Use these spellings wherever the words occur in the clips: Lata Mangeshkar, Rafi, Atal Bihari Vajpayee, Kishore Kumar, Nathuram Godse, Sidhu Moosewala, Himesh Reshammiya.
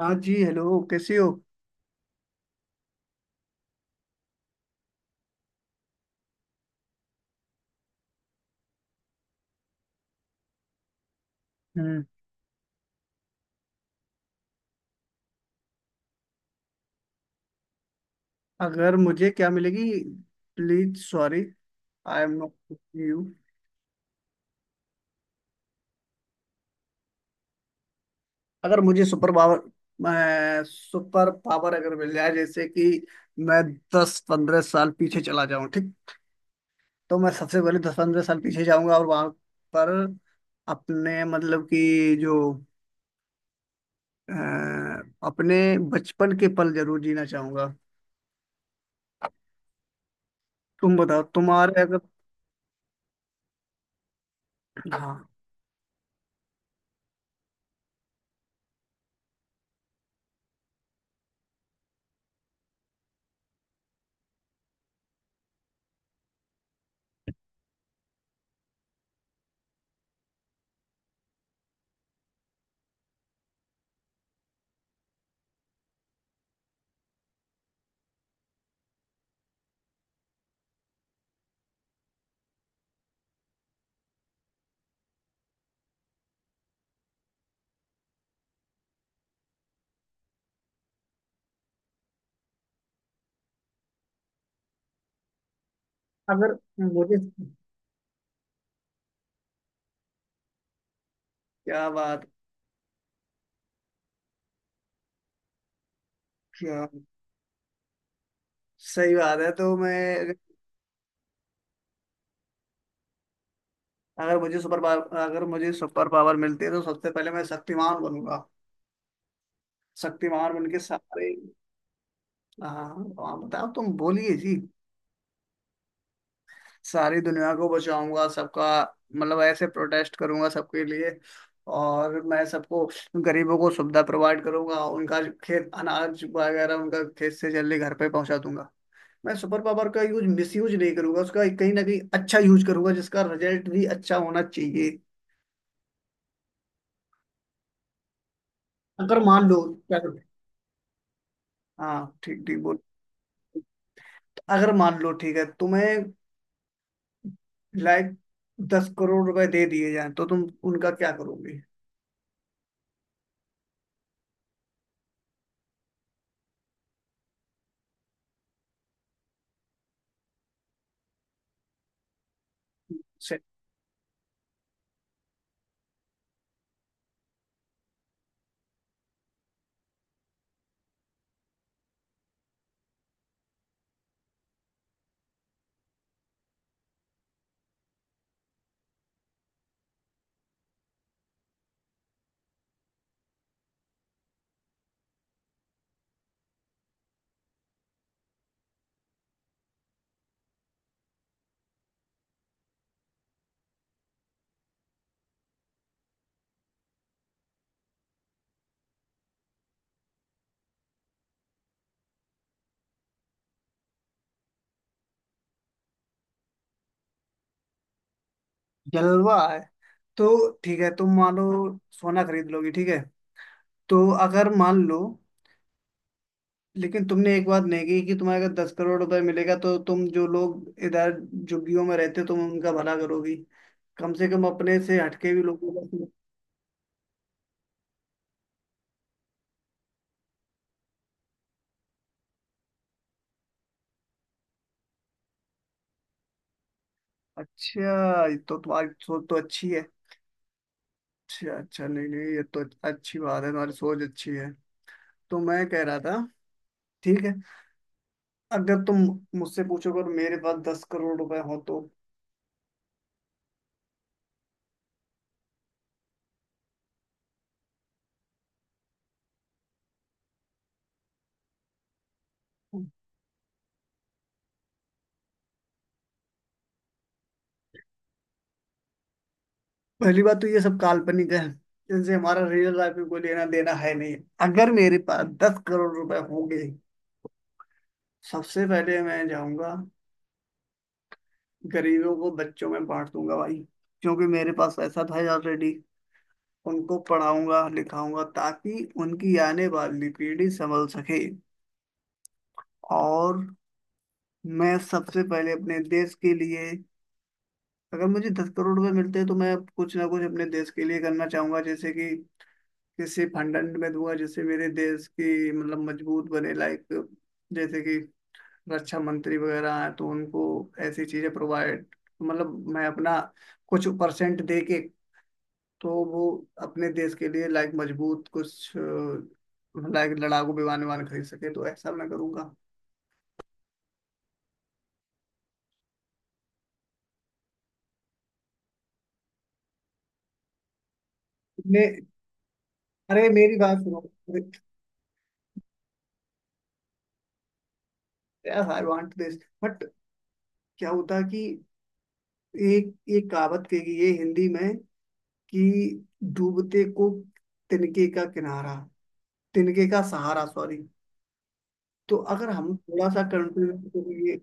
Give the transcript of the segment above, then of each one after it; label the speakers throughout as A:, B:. A: हाँ जी, हेलो। कैसी हो? हम्म। अगर मुझे क्या मिलेगी? Please sorry. I am not. You. अगर मुझे सुपर पावर। मैं सुपर पावर अगर मिल जाए, जैसे कि मैं 10-15 साल पीछे चला जाऊं, ठीक। तो मैं सबसे पहले 10-15 साल पीछे जाऊंगा और वहां पर अपने मतलब कि जो अ, अपने बचपन के पल जरूर जीना चाहूंगा। तुम बताओ, तुम्हारे अगर। हाँ। अगर मुझे। क्या बात। क्या। सही बात है, तो मैं। अगर मुझे सुपर पावर मिलती है तो सबसे पहले मैं शक्तिमान बनूंगा। शक्तिमान बन के सारे। हाँ, हाँ, बताओ। तुम बोलिए जी। सारी दुनिया को बचाऊंगा सबका। मतलब ऐसे प्रोटेस्ट करूंगा सबके लिए। और मैं सबको। गरीबों को सुविधा प्रोवाइड करूंगा, उनका खेत अनाज वगैरह उनका खेत से जल्दी घर पे पहुंचा दूंगा। मैं सुपर पावर का यूज मिस यूज नहीं करूंगा, उसका कहीं ना कहीं अच्छा यूज करूंगा जिसका रिजल्ट भी अच्छा होना चाहिए। अगर मान लो। क्या। हाँ, ठीक ठीक बोल। अगर मान लो ठीक है, तुम्हें लाइक 10 करोड़ रुपए दे दिए जाएं तो तुम उनका क्या करोगे? से- जलवा है। तो ठीक है, तुम मान लो। सोना खरीद लोगी, ठीक है। तो। अगर मान लो। लेकिन तुमने एक बात नहीं की कि तुम्हें अगर 10 करोड़ रुपए मिलेगा तो तुम जो लोग इधर झुग्गियों में रहते हो तुम उनका भला करोगी। कम से कम अपने से हटके भी लोगों का। अच्छा, ये तो तुम्हारी सोच तो अच्छी है। अच्छा अच्छा, नहीं नहीं, ये तो। अच्छी बात है, तुम्हारी सोच अच्छी है। तो मैं कह रहा था। ठीक है। अगर तुम मुझसे पूछोगे और मेरे पास 10 करोड़ रुपए हो तो। पहली बात तो ये सब काल्पनिक है। इनसे हमारा रियल लाइफ में कोई लेना देना है नहीं। अगर मेरे पास 10 करोड़ रुपए होंगे। सबसे पहले मैं जाऊंगा। गरीबों को बच्चों में बांट दूंगा भाई। क्योंकि मेरे पास पैसा था ऑलरेडी। उनको पढ़ाऊंगा लिखाऊंगा ताकि उनकी आने वाली पीढ़ी संभल सके। और मैं सबसे पहले अपने देश के लिए। अगर मुझे 10 करोड़ रुपए मिलते हैं तो मैं कुछ ना कुछ अपने देश के लिए करना चाहूंगा, जैसे कि। किसी फंड अंड में दूंगा जिससे मेरे देश की मतलब मजबूत बने, लाइक। जैसे कि। रक्षा मंत्री वगैरह हैं तो उनको। ऐसी चीजें प्रोवाइड। मतलब मैं अपना। कुछ परसेंट दे के। तो वो। अपने देश के लिए लाइक मजबूत, कुछ लाइक लड़ाकू विमान विमान खरीद सके, तो ऐसा मैं करूंगा। ने। अरे मेरी बात सुनो। Yes I want this. But. क्या होता है कि। एक एक कहावत कही है हिंदी में कि। डूबते को। तिनके का किनारा। तिनके का सहारा, सॉरी। तो अगर हम थोड़ा सा कंट्रीब्यूट करेंगे।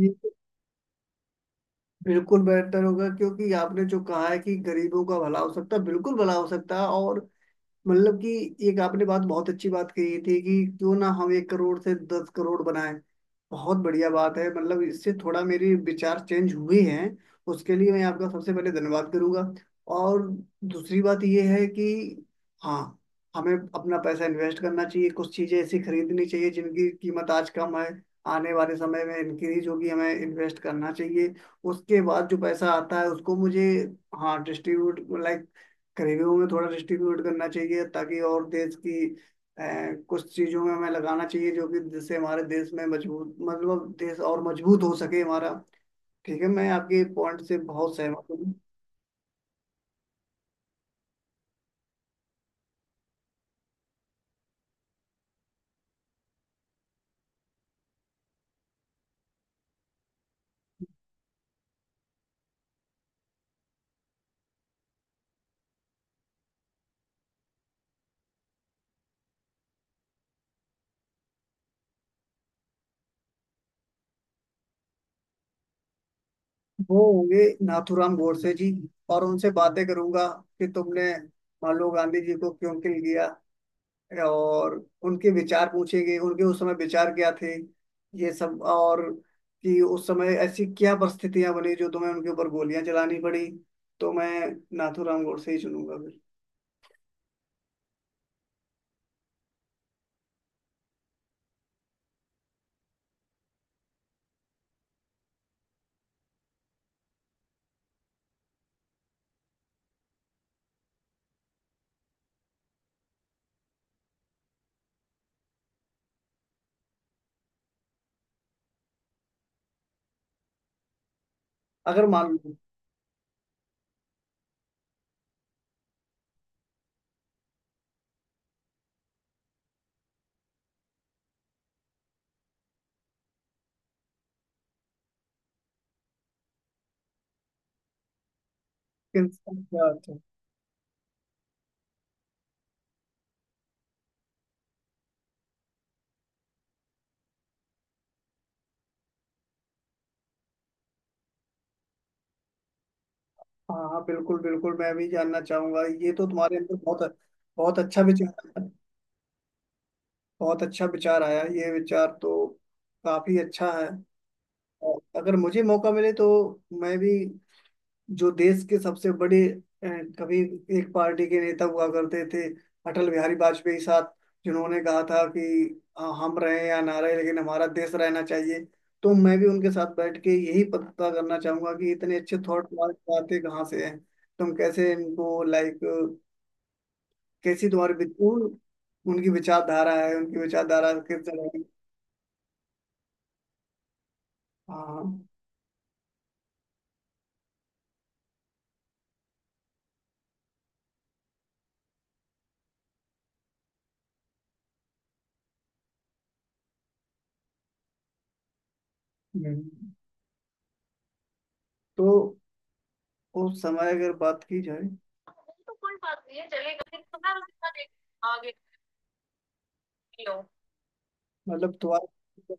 A: ये तो बिल्कुल बेहतर होगा क्योंकि आपने जो कहा है कि गरीबों का भला हो सकता है, बिल्कुल भला हो सकता है, और। मतलब कि। एक आपने बात, बहुत अच्छी बात कही थी कि क्यों ना हम 1 करोड़ से 10 करोड़ बनाएं। बहुत बढ़िया बात है, मतलब इससे थोड़ा मेरे विचार चेंज हुए हैं। उसके लिए मैं आपका सबसे पहले धन्यवाद करूंगा। और। दूसरी बात यह है कि। हाँ। हमें अपना पैसा इन्वेस्ट करना चाहिए, कुछ चीज़ें ऐसी खरीदनी चाहिए जिनकी कीमत आज कम है। आने वाले समय में इंक्रीज होगी, हमें इन्वेस्ट करना चाहिए। उसके बाद जो पैसा आता है उसको मुझे। हाँ डिस्ट्रीब्यूट, लाइक। गरीबों में थोड़ा डिस्ट्रीब्यूट करना चाहिए ताकि और देश की। अ, कुछ चीजों में हमें लगाना चाहिए जो कि जिससे हमारे देश में मजबूत, मतलब देश और मजबूत हो सके हमारा। ठीक है, मैं आपके पॉइंट से बहुत सहमत हूँ। वो होंगे नाथूराम गोडसे जी। और उनसे बातें करूंगा। कि तुमने। मान लो गांधी जी को क्यों किल किया। और उनके विचार पूछेंगे, उनके उस समय विचार क्या थे। ये सब और। कि उस समय ऐसी क्या परिस्थितियां बनी जो तुम्हें उनके ऊपर गोलियां चलानी पड़ी। तो मैं। नाथूराम गोडसे ही चुनूंगा फिर। अगर मान लो। कि इंसान क्या था। हाँ हाँ, बिल्कुल बिल्कुल, मैं भी जानना चाहूंगा, ये तो तुम्हारे अंदर बहुत। बहुत अच्छा विचार आया। बहुत अच्छा विचार आया, ये विचार तो काफी अच्छा है। और अगर मुझे मौका मिले तो। मैं भी। जो देश के सबसे बड़े। अ, कभी। एक पार्टी के नेता हुआ करते थे। अटल बिहारी वाजपेयी साहब। जिन्होंने कहा था कि। हम रहे या ना रहे लेकिन हमारा देश रहना चाहिए। तो मैं भी उनके साथ बैठ के यही पता करना चाहूंगा कि इतने अच्छे थॉट आते कहाँ से हैं। तुम कैसे इनको, लाइक। कैसी तुम्हारी उनकी विचारधारा है, उनकी विचारधारा किस तरह की। हाँ। हम्म। तो। उस समय अगर बात की जाए। मतलब तुम्हारा